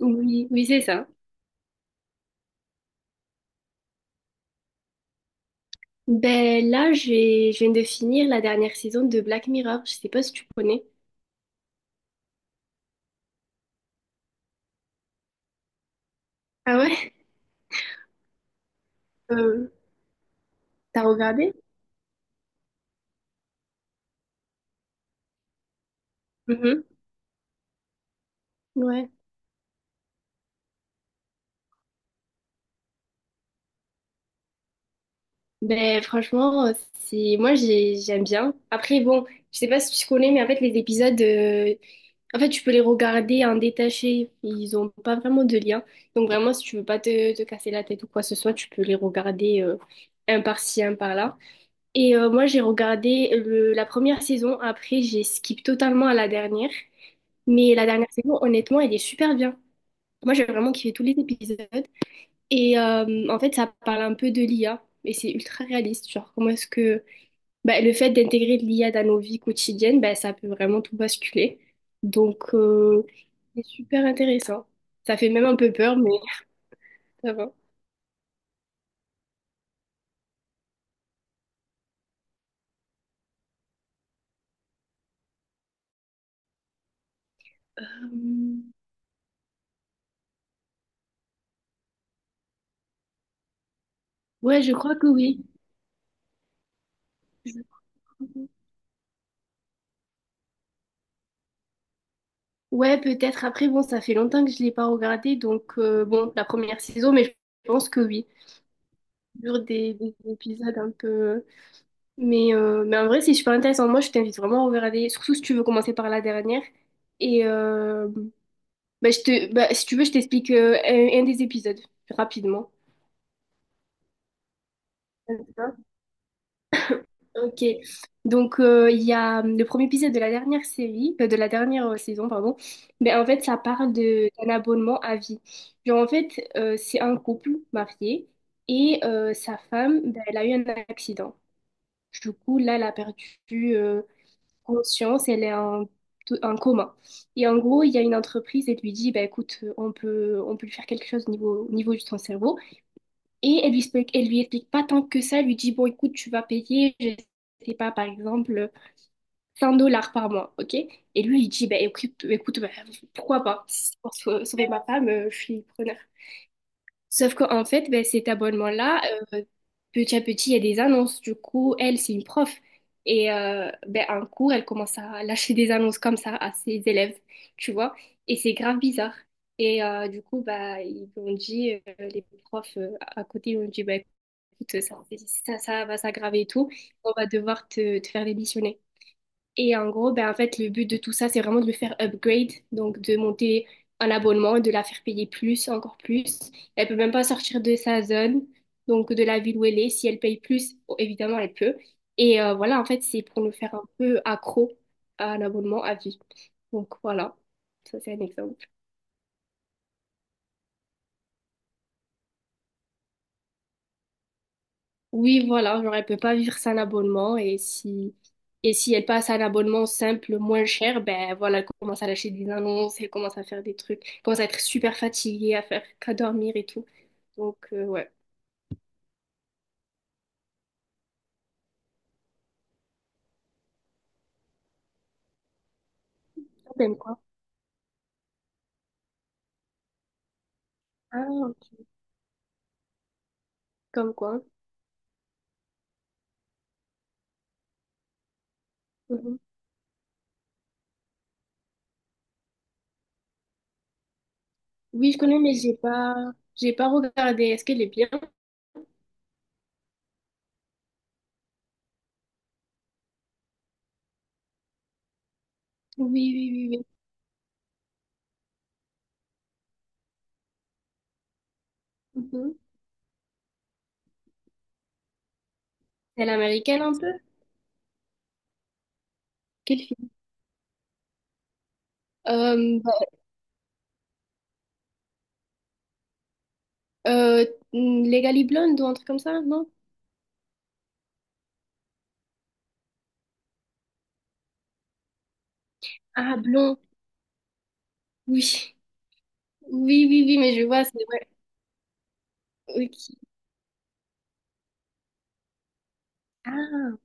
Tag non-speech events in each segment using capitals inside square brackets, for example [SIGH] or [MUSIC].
Oui, oui, c'est ça. Ben là, je viens de finir la dernière saison de Black Mirror. Je sais pas si tu connais. Ah ouais? Euh, T'as regardé? Mhm. Ouais. Ben franchement, c'est moi, j'aime bien. Après bon, je sais pas si tu connais, mais en fait les épisodes, en fait tu peux les regarder en détaché. Ils ont pas vraiment de lien. Donc vraiment, si tu veux pas te casser la tête ou quoi que ce soit, tu peux les regarder un par-ci, un par-là. Et moi, j'ai regardé la première saison. Après, j'ai skip totalement à la dernière. Mais la dernière saison, honnêtement, elle est super bien. Moi, j'ai vraiment kiffé tous les épisodes. Et en fait, ça parle un peu de l'IA. Et c'est ultra réaliste. Genre, comment est-ce que bah, le fait d'intégrer de l'IA dans nos vies quotidiennes, bah, ça peut vraiment tout basculer. Donc, c'est super intéressant. Ça fait même un peu peur, mais [LAUGHS] ça va. Euh, ouais, je crois que oui. Ouais, peut-être. Après, bon, ça fait longtemps que je l'ai pas regardé, donc bon, la première saison, mais je pense que oui. Toujours des épisodes un peu. Mais, en vrai, c'est super intéressant. Moi, je t'invite vraiment à regarder, surtout si tu veux commencer par la dernière. Et bah, si tu veux, je t'explique un des épisodes rapidement. Ok, donc il y a le premier épisode de la dernière série, de la dernière saison, pardon. Mais en fait, ça parle de d'un abonnement à vie. Genre en fait, c'est un couple marié et sa femme, ben, elle a eu un accident. Du coup, là, elle a perdu conscience, elle est en coma. Et en gros, il y a une entreprise, elle lui dit, bah, écoute, on peut lui faire quelque chose au niveau de son cerveau. Et elle lui explique pas tant que ça, elle lui dit, bon, écoute, tu vas payer, je sais pas, par exemple, 100 dollars par mois, ok? Et lui, il dit, bah, écoute bah, pourquoi pas? Si c'est pour sauver ma femme, je suis preneur. Sauf qu'en fait, bah, cet abonnement-là, euh, petit à petit, il y a des annonces. Du coup, elle, c'est une prof. Et ben, un cours, elle commence à lâcher des annonces comme ça à ses élèves, tu vois? Et c'est grave bizarre. Et du coup, bah, les profs à côté, ils ont dit, bah, écoute, ça va s'aggraver et tout. On va devoir te faire démissionner. Et en gros, ben, en fait, le but de tout ça, c'est vraiment de le faire upgrade, donc de monter un abonnement, de la faire payer plus, encore plus. Elle peut même pas sortir de sa zone, donc de la ville où elle est. Si elle paye plus, oh, évidemment, elle peut. Et voilà, en fait, c'est pour nous faire un peu accro à un abonnement à vie. Donc voilà, ça c'est un exemple. Oui, voilà, genre elle peut pas vivre sans abonnement, et si elle passe à un abonnement simple, moins cher, ben voilà, elle commence à lâcher des annonces, elle commence à faire des trucs, elle commence à être super fatiguée, à faire qu'à dormir et tout. Donc ouais. Comme quoi? Ah, ok. Comme quoi? Mhm. Oui, je connais, mais j'ai pas regardé. Est-ce qu'elle est bien? Oui, oui, oui, oui. Mhm. Elle est américaine un peu? Quel film? Bah, euh, Legally Blonde ou un truc comme ça, non? Ah, blond. Oui. Oui, oui, oui, mais je vois, c'est vrai. Ok. Ah,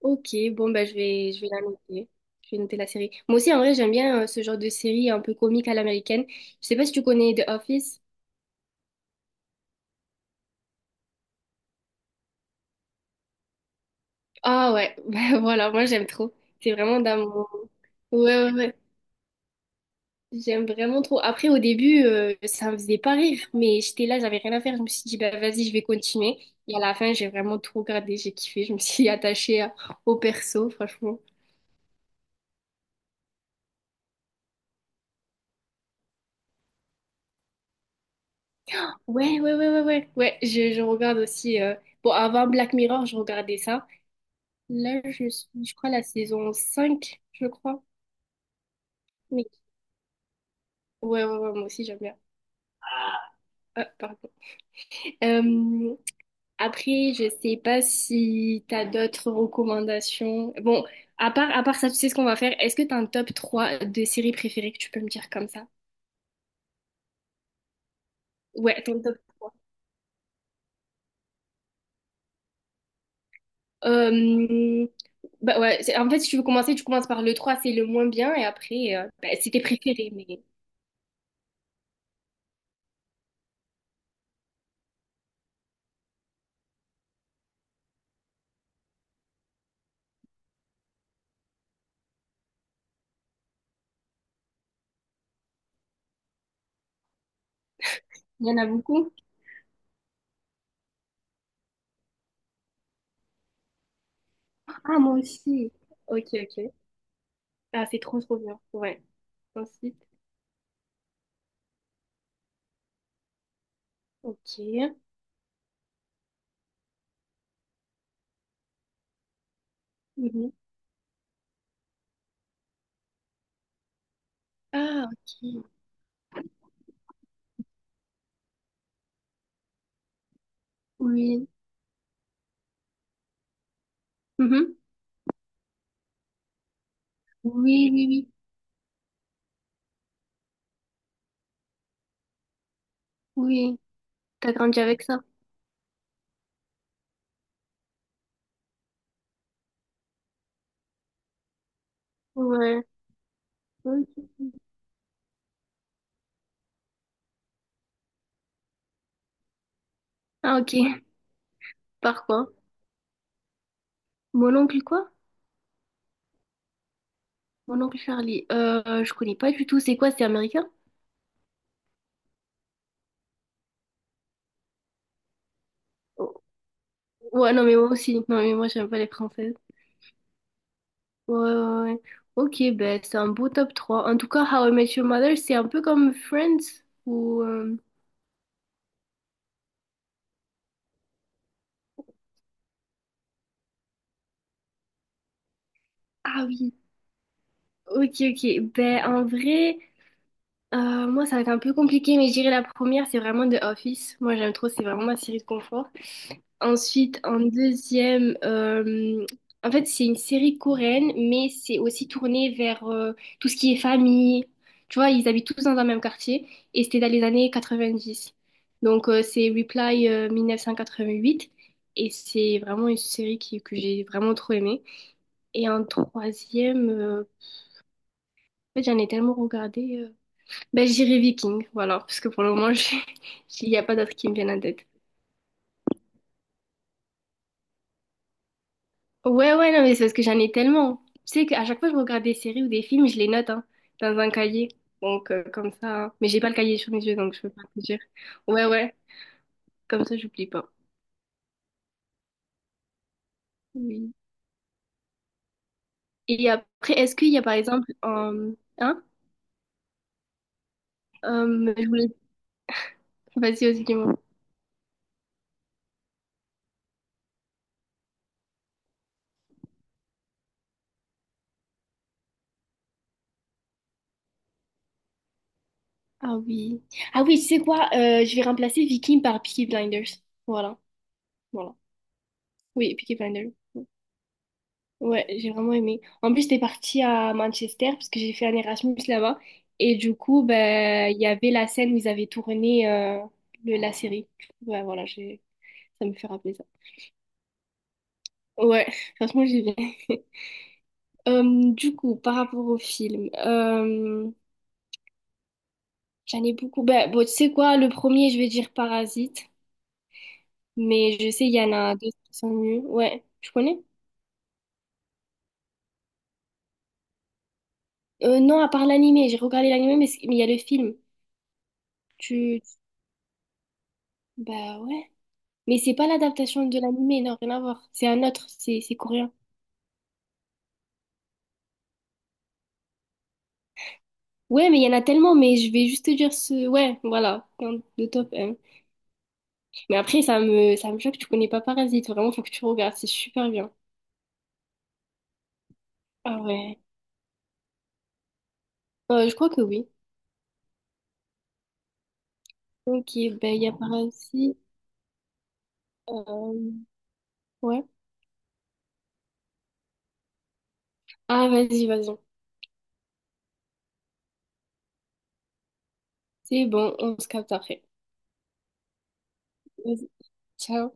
ok. Bon, bah, je vais la noter. Je vais noter la série. Moi aussi, en vrai, j'aime bien ce genre de série un peu comique à l'américaine. Je sais pas si tu connais The Office. Ah ouais, [LAUGHS] bah, voilà, moi j'aime trop. C'est vraiment dans mon... Ouais, ouais, ouais. J'aime vraiment trop. Après, au début, ça me faisait pas rire, mais j'étais là, j'avais rien à faire. Je me suis dit, bah vas-y, je vais continuer. Et à la fin, j'ai vraiment tout regardé, j'ai kiffé. Je me suis [LAUGHS] attachée au perso, franchement. Ouais, ouais, ouais, ouais, ouais. Ouais, je regarde aussi. Bon, avant Black Mirror, je regardais ça. Là, je suis, je crois, la saison 5 je crois. Mais... Ouais, ouais, ouais, moi aussi, j'aime bien. Ah, pardon. Euh, Après, je sais pas si t'as d'autres recommandations. Bon, à part ça, tu sais ce qu'on va faire. Est-ce que t'as un top 3 de séries préférées que tu peux me dire comme ça? Ouais, ton top 3. Euh, Bah ouais, en fait, si tu veux commencer, tu commences par le trois, c'est le moins bien, et après, bah, c'est tes préférés, mais... Il y en a beaucoup? Ah, moi aussi. Ok, ok. Ah, c'est trop, trop bien. Ouais. Ensuite, ok. Mhm. Ah, ok. Oui. Mhm. Oui, oui, oui. Oui. T'as grandi avec ça? Ouais. Ok. Ah, ok. Par quoi? Mon oncle quoi? Mon oncle Charlie. Je connais pas du tout. C'est quoi? C'est américain? Oh, ouais, non, mais moi aussi. Non, mais moi, j'aime pas les françaises. Ouais, ouais, ouais. Ok, ben, c'est un beau top 3. En tout cas, How I Met Your Mother, c'est un peu comme Friends ou... Ah oui, ok, ok. Ben, en vrai, moi, ça va être un peu compliqué, mais je dirais la première, c'est vraiment The Office. Moi, j'aime trop, c'est vraiment ma série de confort. Ensuite, en deuxième, en fait, c'est une série coréenne, mais c'est aussi tourné vers tout ce qui est famille. Tu vois, ils habitent tous dans un même quartier, et c'était dans les années 90. Donc, c'est Reply 1988, et c'est vraiment une série que j'ai vraiment trop aimée. Et en troisième, en fait, j'en ai tellement regardé. Ben, j'irai Viking, voilà, parce que pour le moment, [LAUGHS] il n'y a pas d'autres qui me viennent en tête. Ouais, ouais, non, mais c'est parce que j'en ai tellement. Tu sais qu'à chaque fois que je regarde des séries ou des films, je les note hein, dans un cahier. Donc, comme ça. Hein. Mais j'ai pas le cahier sur mes yeux, donc je peux pas te dire. Ouais, ouais, comme ça, j'oublie pas. Oui. Et après, est-ce qu'il y a par exemple. Hein? Je voulais. Vas-y, vas-y, dis-moi. Ah oui. Ah oui, tu sais quoi? Je vais remplacer Viking par Peaky Blinders. Voilà, voilà. Oui, Peaky Blinders. Ouais, j'ai vraiment aimé. En plus, j'étais partie à Manchester parce que j'ai fait un Erasmus là-bas. Et du coup, ben, il y avait la scène où ils avaient tourné la série. Ouais, voilà, j'ai... Ça me fait rappeler ça. Ouais, [LAUGHS] franchement, j'ai bien. [LAUGHS] Euh, du coup, par rapport au film, j'en ai beaucoup. Ben, bon, tu sais quoi, le premier, je vais dire Parasite, mais je sais, il y en a d'autres qui sont mieux. Ouais, tu connais? Non, à part l'animé, j'ai regardé l'animé, mais mais il y a le film. Tu. Bah ouais. Mais c'est pas l'adaptation de l'animé non, rien à voir. C'est un autre, c'est coréen. Ouais, mais il y en a tellement, mais je vais juste te dire ce... Ouais, voilà, dans le top 1. Mais après, ça me choque, tu connais pas Parasite. Vraiment, faut que tu regardes, c'est super bien. Ah ouais. Je crois que oui. Ok, ben il y a Parasite. euh, ouais. Ah, vas-y, vas-y. C'est bon, on se capte après. Vas-y, ciao.